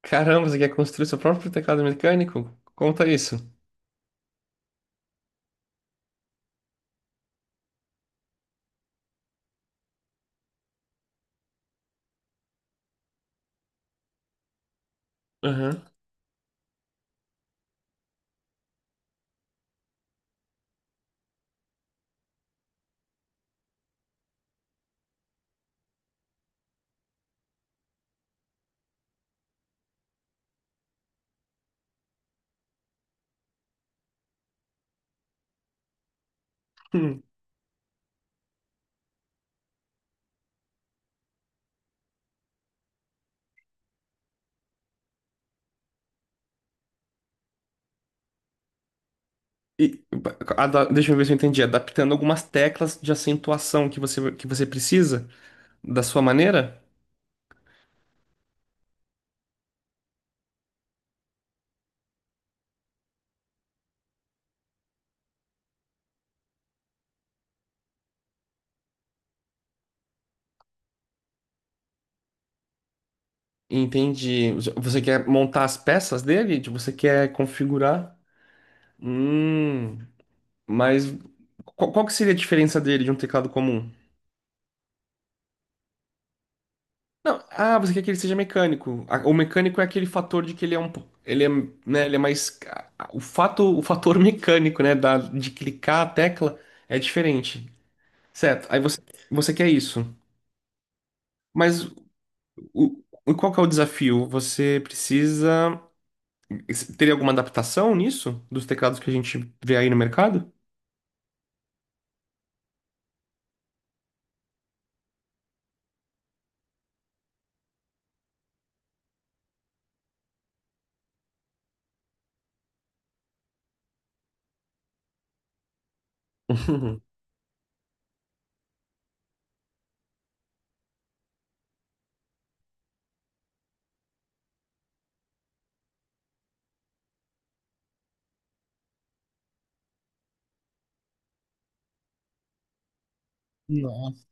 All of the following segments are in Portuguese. Caramba, você quer construir seu próprio teclado mecânico? Conta isso. Aham. Hum. E, Deixa eu ver se eu entendi. Adaptando algumas teclas de acentuação que você precisa da sua maneira? Entendi. Você quer montar as peças dele? Tipo, você quer configurar? Hum, mas qual que seria a diferença dele de um teclado comum? Não, ah, você quer que ele seja mecânico. O mecânico é aquele fator de que ele é um, po- ele é, né, ele é mais o o fator mecânico, né, de clicar a tecla é diferente. Certo. Aí você Você quer isso. Mas o, qual que é o desafio? Você precisa ter alguma adaptação nisso dos teclados que a gente vê aí no mercado? Nossa.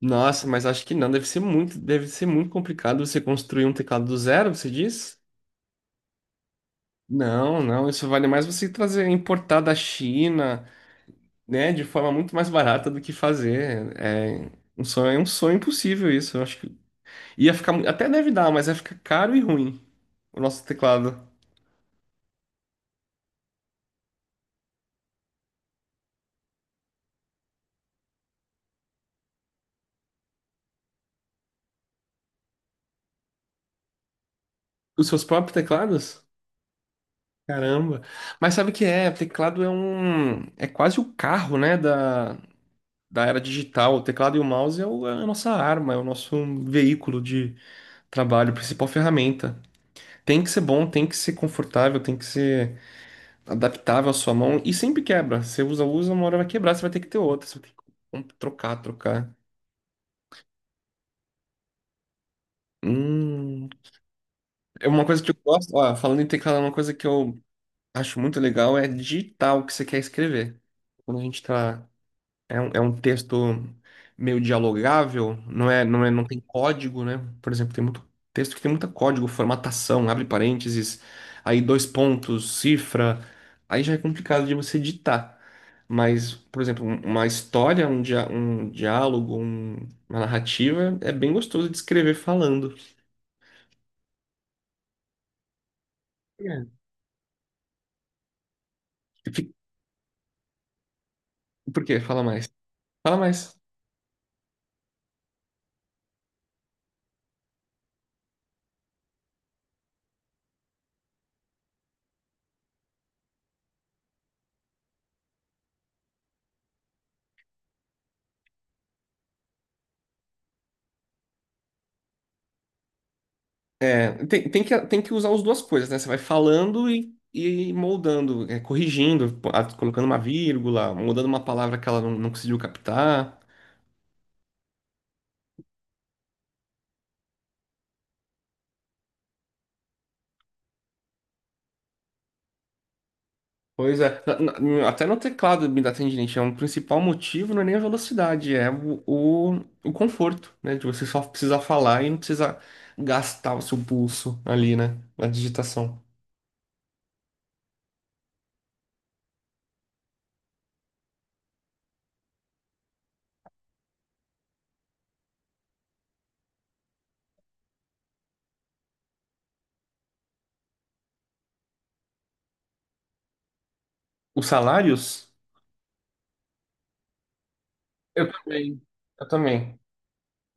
Nossa, mas acho que não, deve ser deve ser muito complicado você construir um teclado do zero, você diz? Não, não, isso vale mais você trazer, importar da China, né, de forma muito mais barata do que fazer. É um sonho impossível isso. Eu acho que ia ficar, até deve dar, mas ia ficar caro e ruim o nosso teclado. Os seus próprios teclados? Caramba. Mas sabe o que é? Teclado é um, é quase o carro, né, da era digital. O teclado e o mouse é, é a nossa arma, é o nosso veículo de trabalho, a principal ferramenta. Tem que ser bom, tem que ser confortável, tem que ser adaptável à sua mão e sempre quebra. Você usa, uma hora vai quebrar, você vai ter que ter outra, você vai ter que trocar, trocar. Hum, é uma coisa que eu gosto, ó, falando em teclado, uma coisa que eu acho muito legal é digitar o que você quer escrever. Quando a gente tá é um texto meio dialogável, não é, não tem código, né? Por exemplo, tem muito texto que tem muito código, formatação, abre parênteses, aí dois pontos, cifra, aí já é complicado de você ditar. Mas, por exemplo, uma história, um diálogo, uma narrativa, é bem gostoso de escrever falando. É. Fi- Por quê? Fala mais. Fala mais. É, tem que usar as duas coisas, né? Você vai falando e moldando, é, corrigindo, pô, ah, colocando uma vírgula, mudando uma palavra que ela não conseguiu captar. Pois é, até no teclado me dá tendinite, é um principal motivo, não é nem a velocidade, é o conforto, né? De você só precisar falar e não precisar gastar o seu pulso ali, né? Na digitação. Os salários? Eu também. Eu também.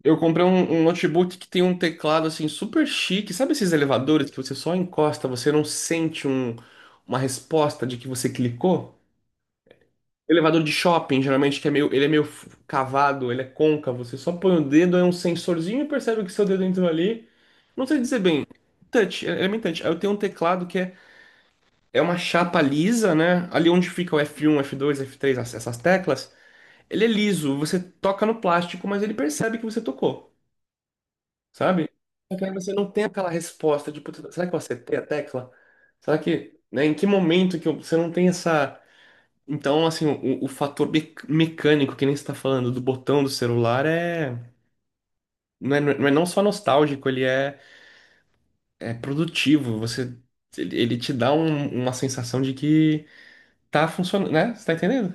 Eu comprei um notebook que tem um teclado assim super chique. Sabe esses elevadores que você só encosta, você não sente uma resposta de que você clicou? Elevador de shopping, geralmente, que é meio, ele é meio cavado, ele é côncavo. Você só põe o dedo, é um sensorzinho e percebe que seu dedo entrou ali. Não sei dizer bem. Touch, é bem touch. Aí eu tenho um teclado que é, é uma chapa lisa, né? Ali onde fica o F1, F2, F3, essas teclas. Ele é liso, você toca no plástico, mas ele percebe que você tocou. Sabe? Só que aí você não tem aquela resposta de: "Putz, será que eu acertei a tecla? Será que, né, em que momento que você não tem essa..." Então, assim, o fator mecânico, que nem você está falando do botão do celular, é... Não é, não é não só nostálgico, ele é, é produtivo. Você, ele te dá uma sensação de que tá funcionando, né? Você tá entendendo?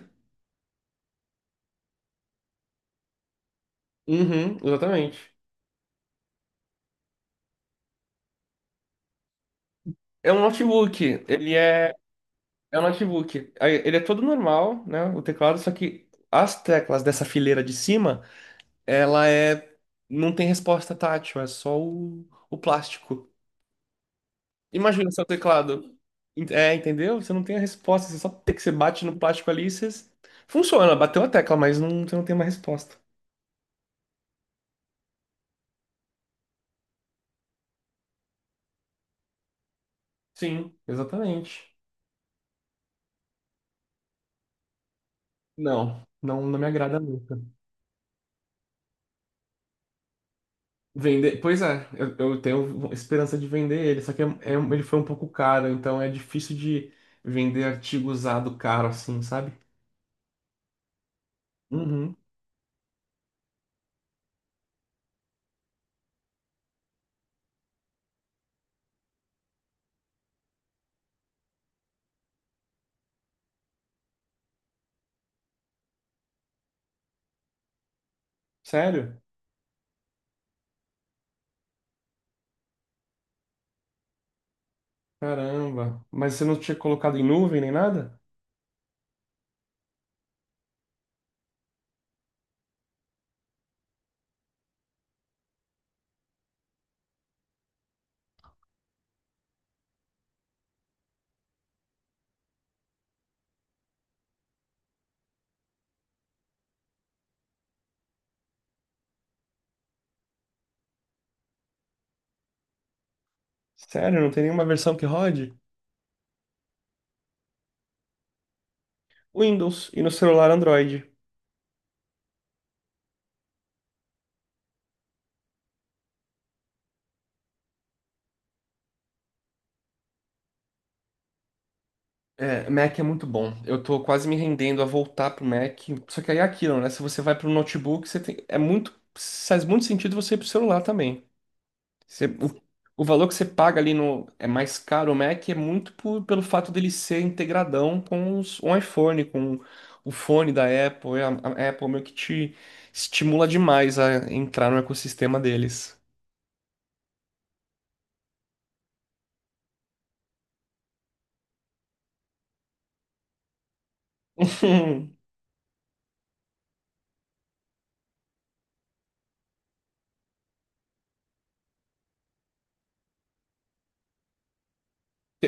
Uhum, exatamente. É um notebook, ele é É um notebook. Aí, ele é todo normal, né? O teclado, só que as teclas dessa fileira de cima, ela é. Não tem resposta tátil, é só o plástico. Imagina o seu teclado. É, entendeu? Você não tem a resposta, você só tem que você bate no plástico ali e você. Funciona, bateu a tecla, mas não, você não tem uma resposta. Sim, exatamente. Não, não, não me agrada muito. Vender, pois é, eu tenho esperança de vender ele, só que é ele foi um pouco caro, então é difícil de vender artigo usado caro assim, sabe? Uhum. Sério? Caramba. Mas você não tinha colocado em nuvem nem nada? Sério, não tem nenhuma versão que rode? Windows e no celular Android. É, Mac é muito bom. Eu tô quase me rendendo a voltar pro Mac. Só que aí é aquilo, né? Se você vai pro notebook, você tem... é muito. Faz muito sentido você ir pro celular também. Você- o, o valor que você paga ali no é mais caro, o Mac é muito pelo fato dele ser integradão com os, o iPhone, com o fone da Apple. A a Apple meio que te estimula demais a entrar no ecossistema deles.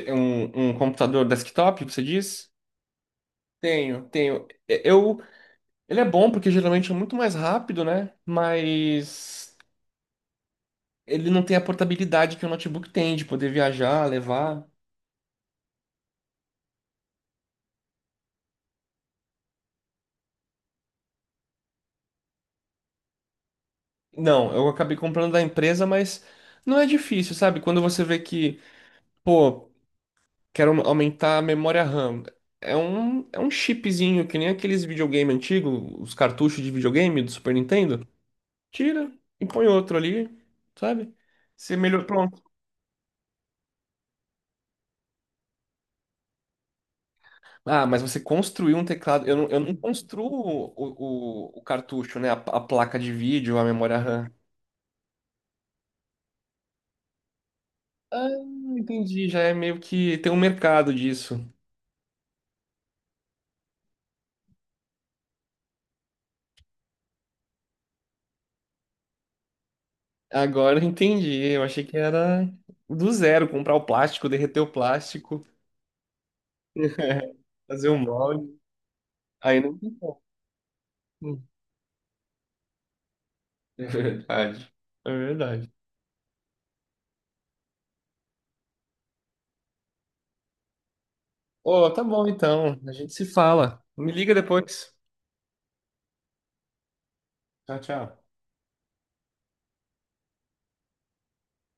Um computador desktop, você diz? Tenho, tenho. Eu, ele é bom porque geralmente é muito mais rápido, né? Mas ele não tem a portabilidade que o notebook tem de poder viajar, levar. Não, eu acabei comprando da empresa, mas não é difícil, sabe? Quando você vê que, pô, quero aumentar a memória RAM. É um chipzinho, que nem aqueles videogame antigo, os cartuchos de videogame do Super Nintendo. Tira e põe outro ali, sabe? Você melhor, pronto. Ah, mas você construiu um teclado. Eu não construo o cartucho, né? A placa de vídeo, a memória RAM. Ah, entendi. Já é meio que tem um mercado disso. Agora eu entendi. Eu achei que era do zero, comprar o plástico, derreter o plástico, fazer um molde. Aí não tem como. Hum, É verdade. É verdade. Ô, tá bom então. A gente se fala. Me liga depois. Tchau, tchau.